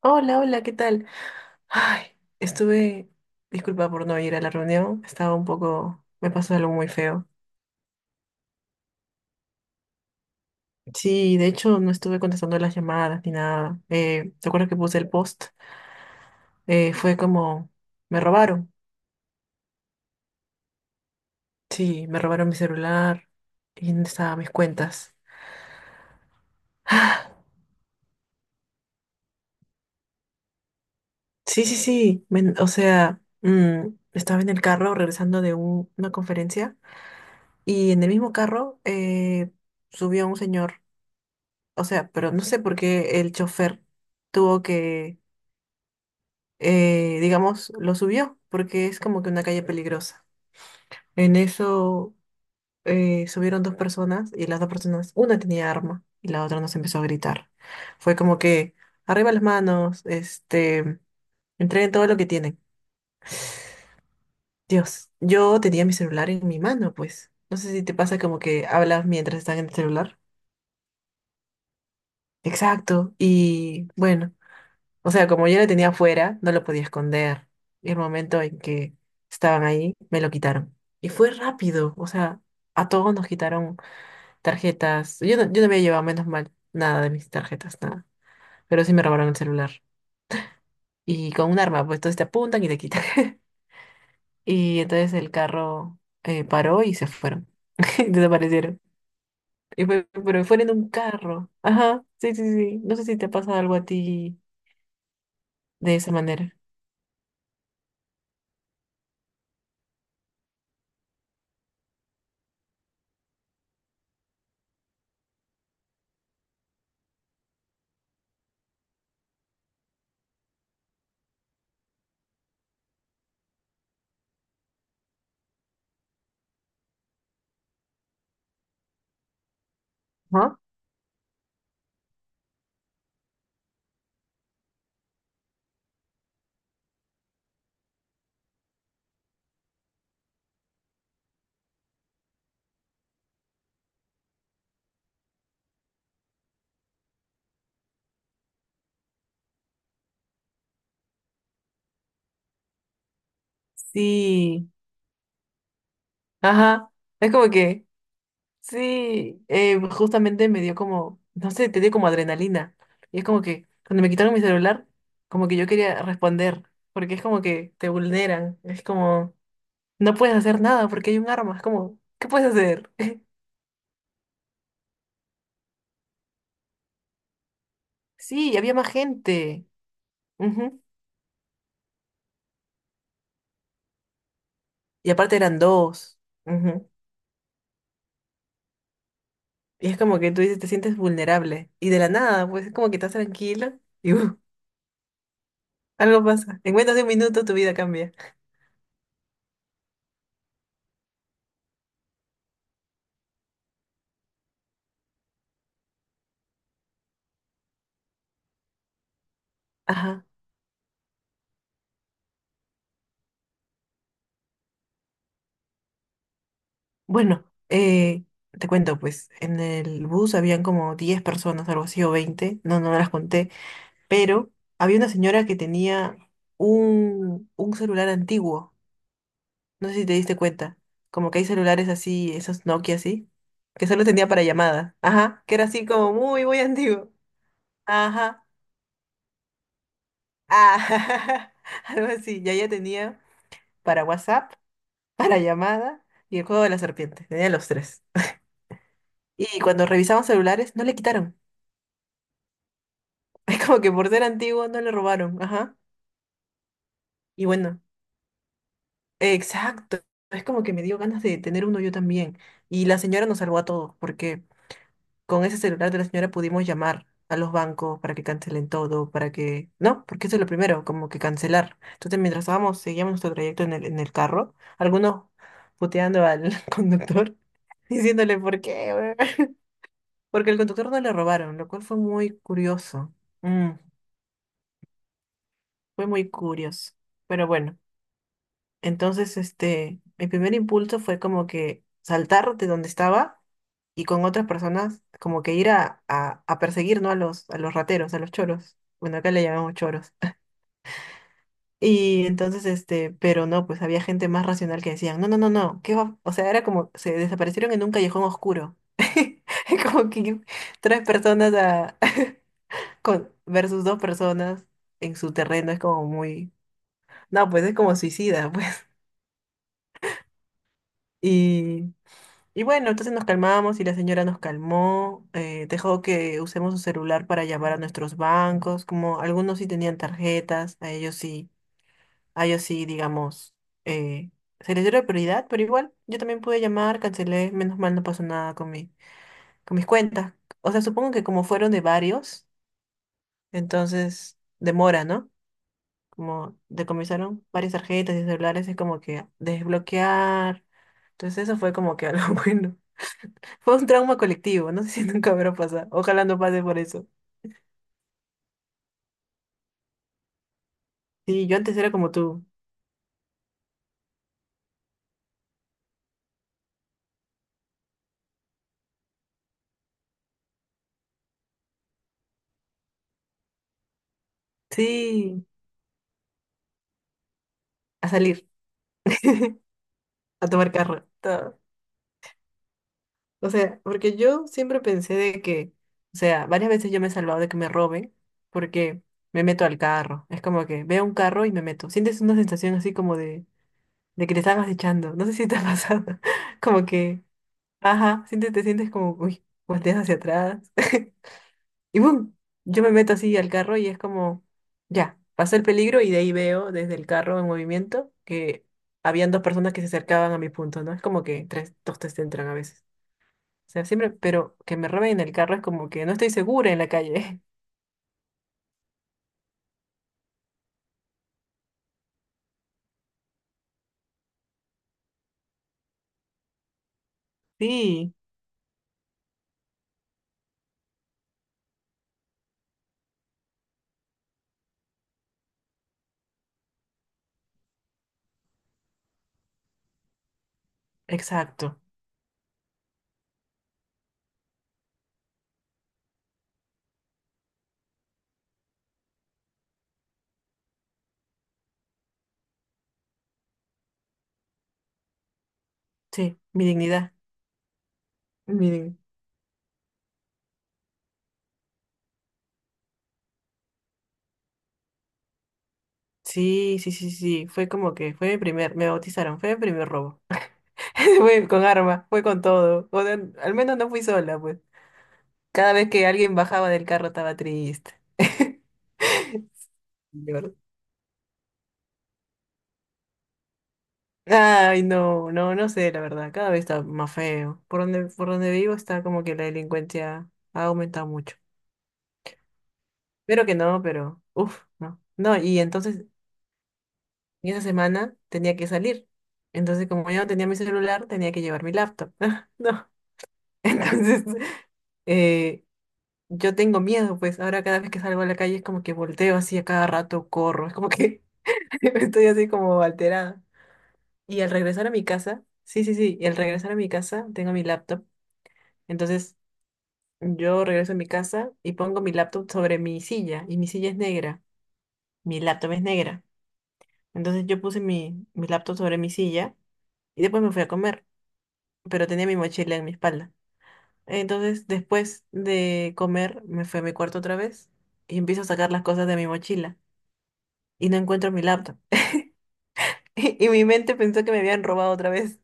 Hola, hola, ¿qué tal? Ay, estuve, disculpa por no ir a la reunión, estaba un poco, me pasó algo muy feo. Sí, de hecho no estuve contestando las llamadas ni nada. ¿Te acuerdas que puse el post? Fue como, me robaron. Sí, me robaron mi celular y dónde estaban mis cuentas. Ah, sí, sí, sí, o sea, estaba en el carro regresando de una conferencia y en el mismo carro subió un señor. O sea, pero no sé por qué el chofer tuvo que, digamos, lo subió, porque es como que una calle peligrosa. En eso subieron dos personas y las dos personas, una tenía arma y la otra nos empezó a gritar. Fue como que, arriba las manos, este, entreguen todo lo que tienen. Dios, yo tenía mi celular en mi mano, pues. No sé si te pasa como que hablas mientras están en el celular. Exacto. Y bueno. O sea, como yo lo tenía afuera, no lo podía esconder. Y el momento en que estaban ahí, me lo quitaron. Y fue rápido, o sea, a todos nos quitaron tarjetas. Yo no había llevado, menos mal, nada de mis tarjetas, nada. Pero sí me robaron el celular. Y con un arma, pues entonces te apuntan y te quitan. Y entonces el carro paró y se fueron. Desaparecieron. Pero fueron en un carro. Ajá, sí, sí, sí. No sé si te ha pasado algo a ti de esa manera. Ajá. Sí. Ajá, es como que, sí, justamente me dio como, no sé, te dio como adrenalina. Y es como que cuando me quitaron mi celular, como que yo quería responder, porque es como que te vulneran, es como, no puedes hacer nada porque hay un arma, es como, ¿qué puedes hacer? Sí, había más gente. Ujú. Y aparte eran dos. Ujú. Y es como que tú dices, te sientes vulnerable. Y de la nada, pues es como que estás tranquila y algo pasa. En menos de 1 minuto tu vida cambia. Ajá. Bueno, te cuento, pues en el bus habían como 10 personas, algo así, o 20, no, no las conté, pero había una señora que tenía un celular antiguo, no sé si te diste cuenta, como que hay celulares así, esos Nokia así, que solo tenía para llamadas, ajá, que era así como muy, muy antiguo, ajá, ah, algo así, ya ella tenía para WhatsApp, para llamada y el juego de la serpiente, tenía los tres. Y cuando revisamos celulares, no le quitaron. Es como que por ser antiguo no le robaron, ajá. Y bueno, exacto. Es como que me dio ganas de tener uno yo también. Y la señora nos salvó a todos, porque con ese celular de la señora pudimos llamar a los bancos para que cancelen todo, para que... No, porque eso es lo primero, como que cancelar. Entonces, mientras estábamos, seguíamos nuestro trayecto en en el carro, algunos puteando al conductor, diciéndole por qué, weón?". Porque el conductor no le robaron, lo cual fue muy curioso. Mm, fue muy curioso. Pero bueno. Entonces, este, mi primer impulso fue como que saltar de donde estaba y con otras personas como que ir a perseguir, ¿no? A a los rateros, a los choros. Bueno, acá le llamamos choros. Y entonces, este, pero no, pues había gente más racional que decían, no, no, no, no, ¿qué va? O sea, era como, se desaparecieron en un callejón oscuro. Como que tres personas a, con, versus dos personas en su terreno es como muy, no, pues es como suicida, pues. Y Y bueno, entonces nos calmamos y la señora nos calmó, dejó que usemos su celular para llamar a nuestros bancos, como algunos sí tenían tarjetas, a ellos sí, digamos, eh, se les dio la prioridad, pero igual yo también pude llamar, cancelé, menos mal no pasó nada con mi, con mis cuentas. O sea, supongo que como fueron de varios, entonces demora, ¿no? Como decomisaron varias tarjetas y celulares, es como que desbloquear. Entonces eso fue como que algo bueno. Fue un trauma colectivo, no sé si nunca habrá pasado. Ojalá no pase por eso. Sí, yo antes era como tú. Sí, a salir, a tomar carro, todo. O sea, porque yo siempre pensé de que, o sea, varias veces yo me he salvado de que me roben porque me meto al carro. Es como que veo un carro y me meto. Sientes una sensación así como de que te estabas echando. No sé si te ha pasado. Como que, ajá, sientes, te sientes como, uy, volteas hacia atrás. Y boom, yo me meto así al carro y es como, ya, pasé el peligro y de ahí veo desde el carro en movimiento que habían dos personas que se acercaban a mi punto, ¿no? Es como que tres, dos te entran a veces. O sea, siempre, pero que me roben el carro es como que no estoy segura en la calle. Sí, exacto. Sí, mi dignidad. Mi dig- Sí, sí, sí, sí. Fue como que fue mi primer, me bautizaron, fue mi primer robo. Fue con arma, fue con todo. O sea, al menos no fui sola, pues. Cada vez que alguien bajaba del carro estaba triste. De verdad. Ay, no, no, no sé, la verdad, cada vez está más feo. Por donde vivo está como que la delincuencia ha aumentado mucho. Pero que no, pero, uff, no. No, y entonces, y esa semana tenía que salir. Entonces, como yo no tenía mi celular, tenía que llevar mi laptop. No, entonces, eh, yo tengo miedo, pues ahora cada vez que salgo a la calle es como que volteo así a cada rato, corro, es como que estoy así como alterada. Y al regresar a mi casa, sí, sí, sí, y al regresar a mi casa tengo mi laptop. Entonces yo regreso a mi casa y pongo mi laptop sobre mi silla y mi silla es negra, mi laptop es negra. Entonces yo puse mi laptop sobre mi silla y después me fui a comer, pero tenía mi mochila en mi espalda. Entonces después de comer me fui a mi cuarto otra vez y empiezo a sacar las cosas de mi mochila y no encuentro mi laptop. Y mi mente pensó que me habían robado otra vez.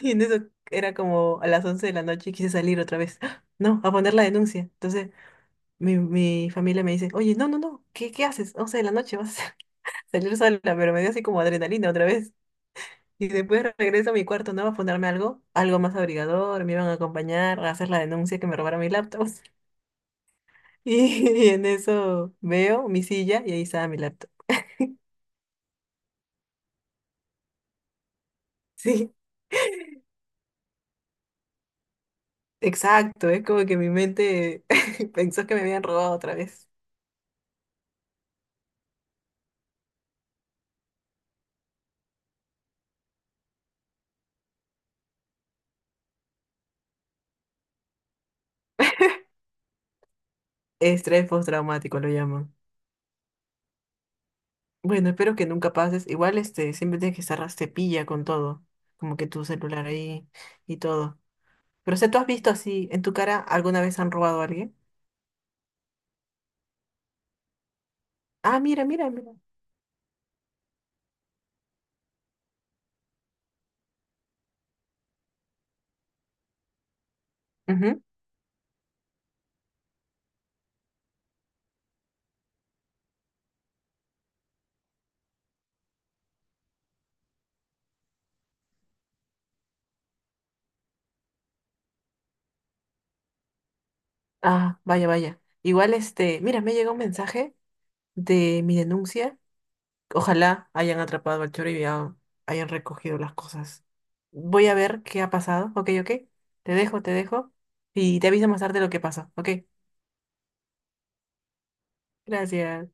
Y en eso era como a las 11 de la noche y quise salir otra vez. ¡Ah! No, a poner la denuncia. Entonces mi familia me dice, oye, no, no, no, ¿qué, qué haces? 11 de la noche vas a salir sola, pero me dio así como adrenalina otra vez. Y después regreso a mi cuarto, ¿no? A ponerme algo, algo más abrigador, me iban a acompañar a hacer la denuncia que me robaron mi laptop. Y, y en eso veo mi silla y ahí estaba mi laptop. Sí, exacto, es como que mi mente pensó que me habían robado otra vez. Estrés postraumático lo llaman. Bueno, espero que nunca pases. Igual, este, siempre tienes que estar cepilla con todo, como que tu celular ahí y todo. Pero, o sea, ¿tú has visto así en tu cara alguna vez han robado a alguien? Ah, mira, mira, mira. Ujú. Ah, vaya, vaya. Igual, este, mira, me llegó un mensaje de mi denuncia. Ojalá hayan atrapado al choro y ya hayan recogido las cosas. Voy a ver qué ha pasado. Ok, ok. Te dejo, te dejo. Y te aviso más tarde lo que pasó. Ok. Gracias.